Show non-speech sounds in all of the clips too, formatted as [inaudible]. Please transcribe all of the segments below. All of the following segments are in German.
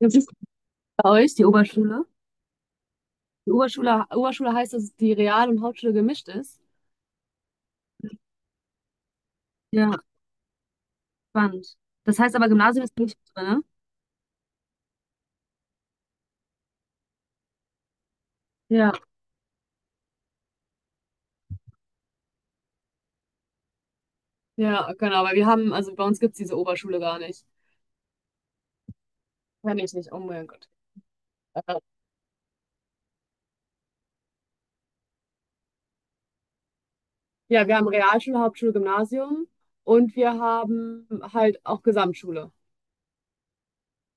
Wie ist bei euch die Oberschule? Die Oberschule, Oberschule heißt, dass es die Real- und Hauptschule gemischt ist. Ja, spannend. Das heißt aber, Gymnasium ist nicht drin, ne? Ja. Ja, genau, weil wir haben, also bei uns gibt es diese Oberschule gar nicht. Kenn ich nicht, oh mein Gott. Äh, Ja, wir haben Realschule, Hauptschule, Gymnasium und wir haben halt auch Gesamtschule.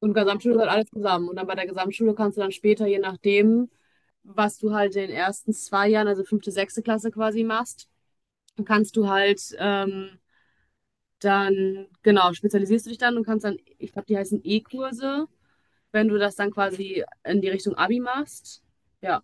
Und Gesamtschule gehört alles zusammen. Und dann bei der Gesamtschule kannst du dann später, je nachdem, was du halt in den ersten zwei Jahren, also fünfte, sechste Klasse quasi machst, dann kannst du halt dann, genau, spezialisierst du dich dann und kannst dann, ich glaube, die heißen E-Kurse, wenn du das dann quasi in die Richtung Abi machst. Ja.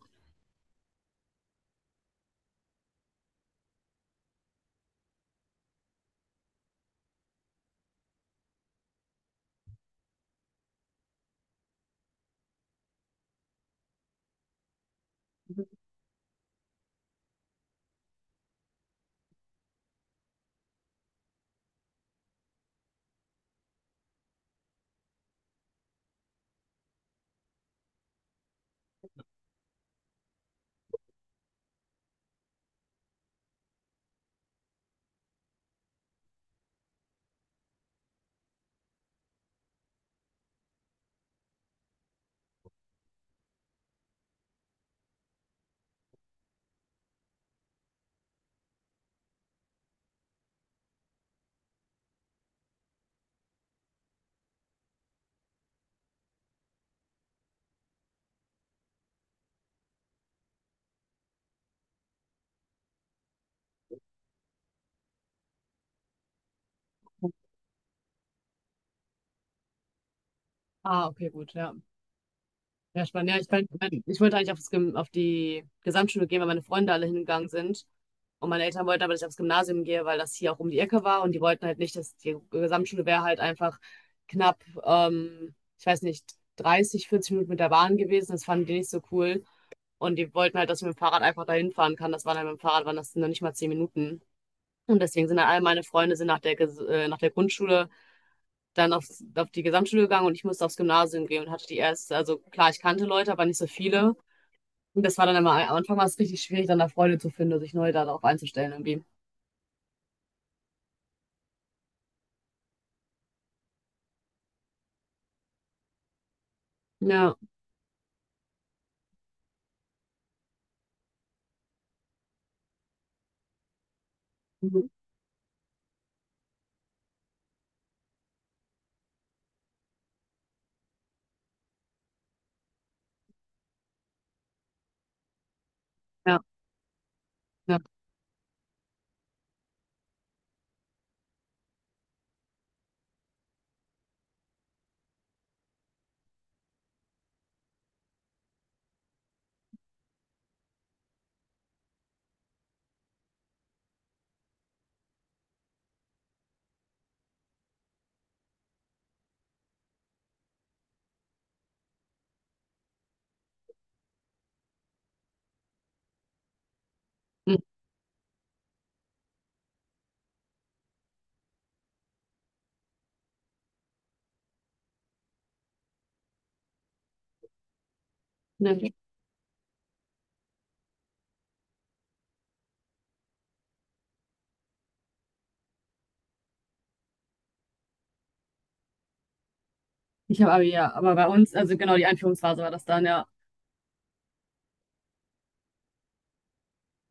Ah, okay, gut, ja. Ja, spannend. Ja, ich wollte eigentlich auf die Gesamtschule gehen, weil meine Freunde alle hingegangen sind. Und meine Eltern wollten aber, dass ich aufs Gymnasium gehe, weil das hier auch um die Ecke war. Und die wollten halt nicht, dass die Gesamtschule wäre halt einfach knapp, ich weiß nicht, 30, 40 Minuten mit der Bahn gewesen. Das fanden die nicht so cool. Und die wollten halt, dass ich mit dem Fahrrad einfach dahin fahren kann. Das waren halt mit dem Fahrrad, waren das noch nicht mal zehn Minuten. Und deswegen sind dann all meine Freunde sind nach der, nach der Grundschule dann auf die Gesamtschule gegangen und ich musste aufs Gymnasium gehen und hatte die erste, also klar, ich kannte Leute, aber nicht so viele. Und das war dann immer, am Anfang war es richtig schwierig, dann da Freunde zu finden und sich neu darauf einzustellen irgendwie. Ja, mhm. Ja, ja. Mhm. Ne. Ich habe Abi, ja, aber bei uns, also genau, die Einführungsphase war das dann, ja.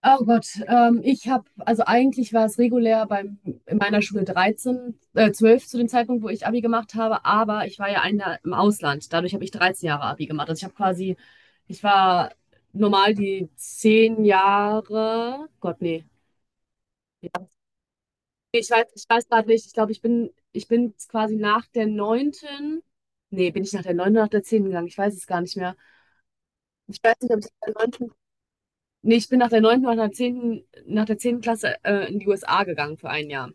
Oh Gott, ich habe, also eigentlich war es regulär in meiner Schule 12 zu dem Zeitpunkt, wo ich Abi gemacht habe, aber ich war ja ein Jahr im Ausland. Dadurch habe ich 13 Jahre Abi gemacht. Also ich habe quasi, ich war normal die 10 Jahre, Gott, nee. Nee, ich weiß, ich weiß gerade nicht, ich glaube, ich bin quasi nach der neunten. Nee, bin ich nach der neunten oder nach der zehnten gegangen? Ich weiß es gar nicht mehr. Ich weiß nicht, ob ich nach der 9., nee, ich bin nach der neunten oder nach der zehnten Klasse, in die USA gegangen für ein Jahr.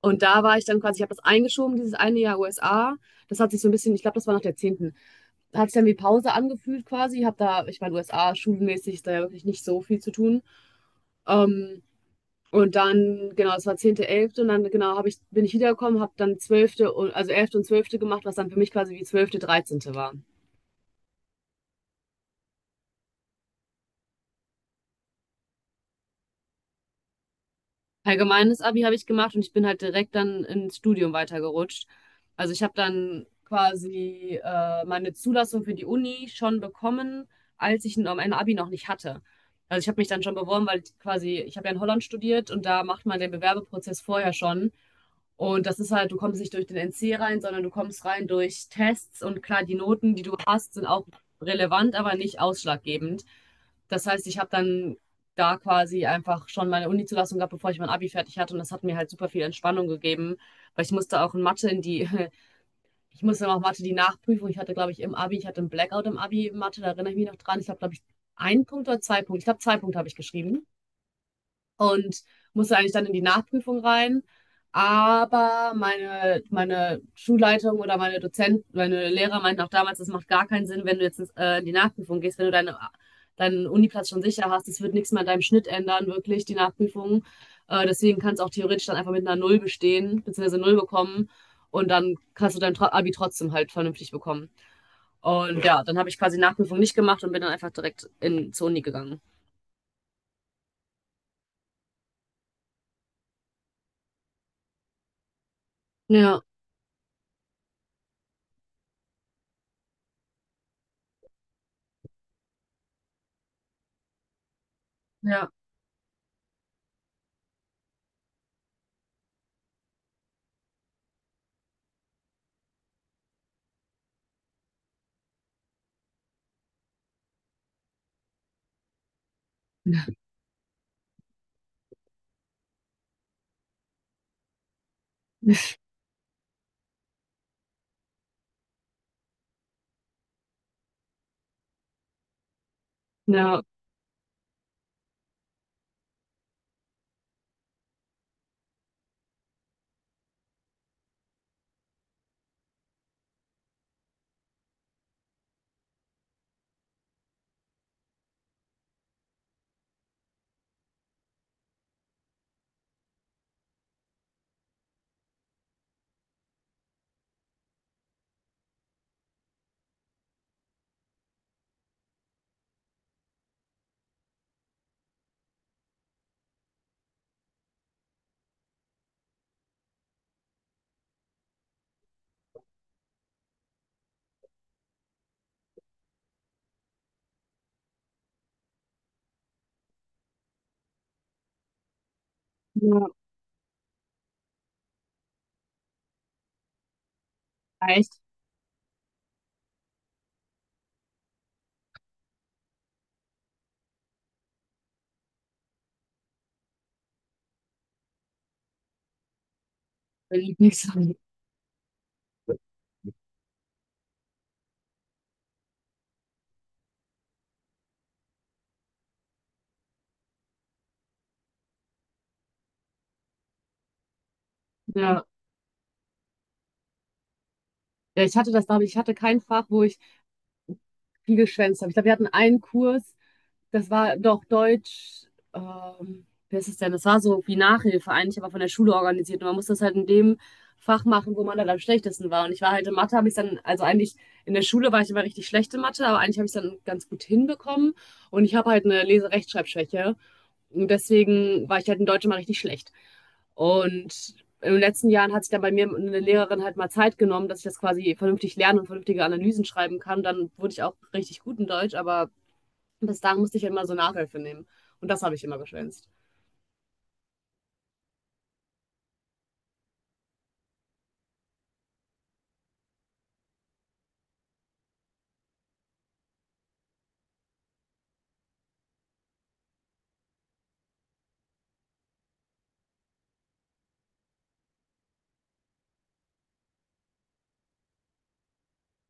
Und da war ich dann quasi, ich habe das eingeschoben, dieses eine Jahr USA. Das hat sich so ein bisschen, ich glaube, das war nach der zehnten, hat sich dann wie Pause angefühlt quasi. Habe da, ich meine, USA schulmäßig ist da ja wirklich nicht so viel zu tun. Ähm, und dann, genau, es war zehnte, elfte und dann, genau, bin ich wiedergekommen, habe dann also elfte und zwölfte gemacht, was dann für mich quasi wie zwölfte, dreizehnte war. Allgemeines Abi habe ich gemacht und ich bin halt direkt dann ins Studium weitergerutscht. Also ich habe dann quasi meine Zulassung für die Uni schon bekommen, als ich noch mein Abi noch nicht hatte. Also ich habe mich dann schon beworben, weil ich quasi, ich habe ja in Holland studiert und da macht man den Bewerbeprozess vorher schon. Und das ist halt, du kommst nicht durch den NC rein, sondern du kommst rein durch Tests und klar, die Noten, die du hast, sind auch relevant, aber nicht ausschlaggebend. Das heißt, ich habe dann da quasi einfach schon meine Uni-Zulassung gab, bevor ich mein Abi fertig hatte. Und das hat mir halt super viel Entspannung gegeben, weil ich musste auch in Mathe in die, [laughs] ich musste auch Mathe die Nachprüfung. Ich hatte, glaube ich, im Abi, ich hatte einen Blackout im Abi Mathe, da erinnere ich mich noch dran. Ich habe, glaube ich, einen Punkt oder zwei Punkte. Ich glaube, zwei Punkte habe ich geschrieben und musste eigentlich dann in die Nachprüfung rein. Aber meine Schulleitung oder meine Dozent, meine Lehrer meinten auch damals, das macht gar keinen Sinn, wenn du jetzt in die Nachprüfung gehst, wenn du deinen Uniplatz schon sicher hast. Das wird nichts mehr an deinem Schnitt ändern, wirklich, die Nachprüfung. Deswegen kannst du auch theoretisch dann einfach mit einer Null bestehen, beziehungsweise Null bekommen. Und dann kannst du dein Abi trotzdem halt vernünftig bekommen. Und ja, dann habe ich quasi Nachprüfung nicht gemacht und bin dann einfach direkt zur Uni gegangen. Ja, ja, ja. Ja. Echt? Mein Lieblingsfach. Ja. Ja, ich hatte das, glaube ich, ich hatte kein Fach, wo ich viel geschwänzt habe. Ich glaube, wir hatten einen Kurs, das war doch Deutsch, wie ist es denn? Das war so wie Nachhilfe eigentlich, aber von der Schule organisiert. Und man musste das halt in dem Fach machen, wo man dann am schlechtesten war. Und ich war halt in Mathe, habe ich dann, also eigentlich in der Schule war ich immer richtig schlechte Mathe, aber eigentlich habe ich es dann ganz gut hinbekommen. Und ich habe halt eine Lese-Rechtschreibschwäche. Und deswegen war ich halt in Deutsch immer richtig schlecht. Und in den letzten Jahren hat sich dann bei mir eine Lehrerin halt mal Zeit genommen, dass ich das quasi vernünftig lerne und vernünftige Analysen schreiben kann. Dann wurde ich auch richtig gut in Deutsch, aber bis dahin musste ich halt immer so Nachhilfe nehmen. Und das habe ich immer geschwänzt.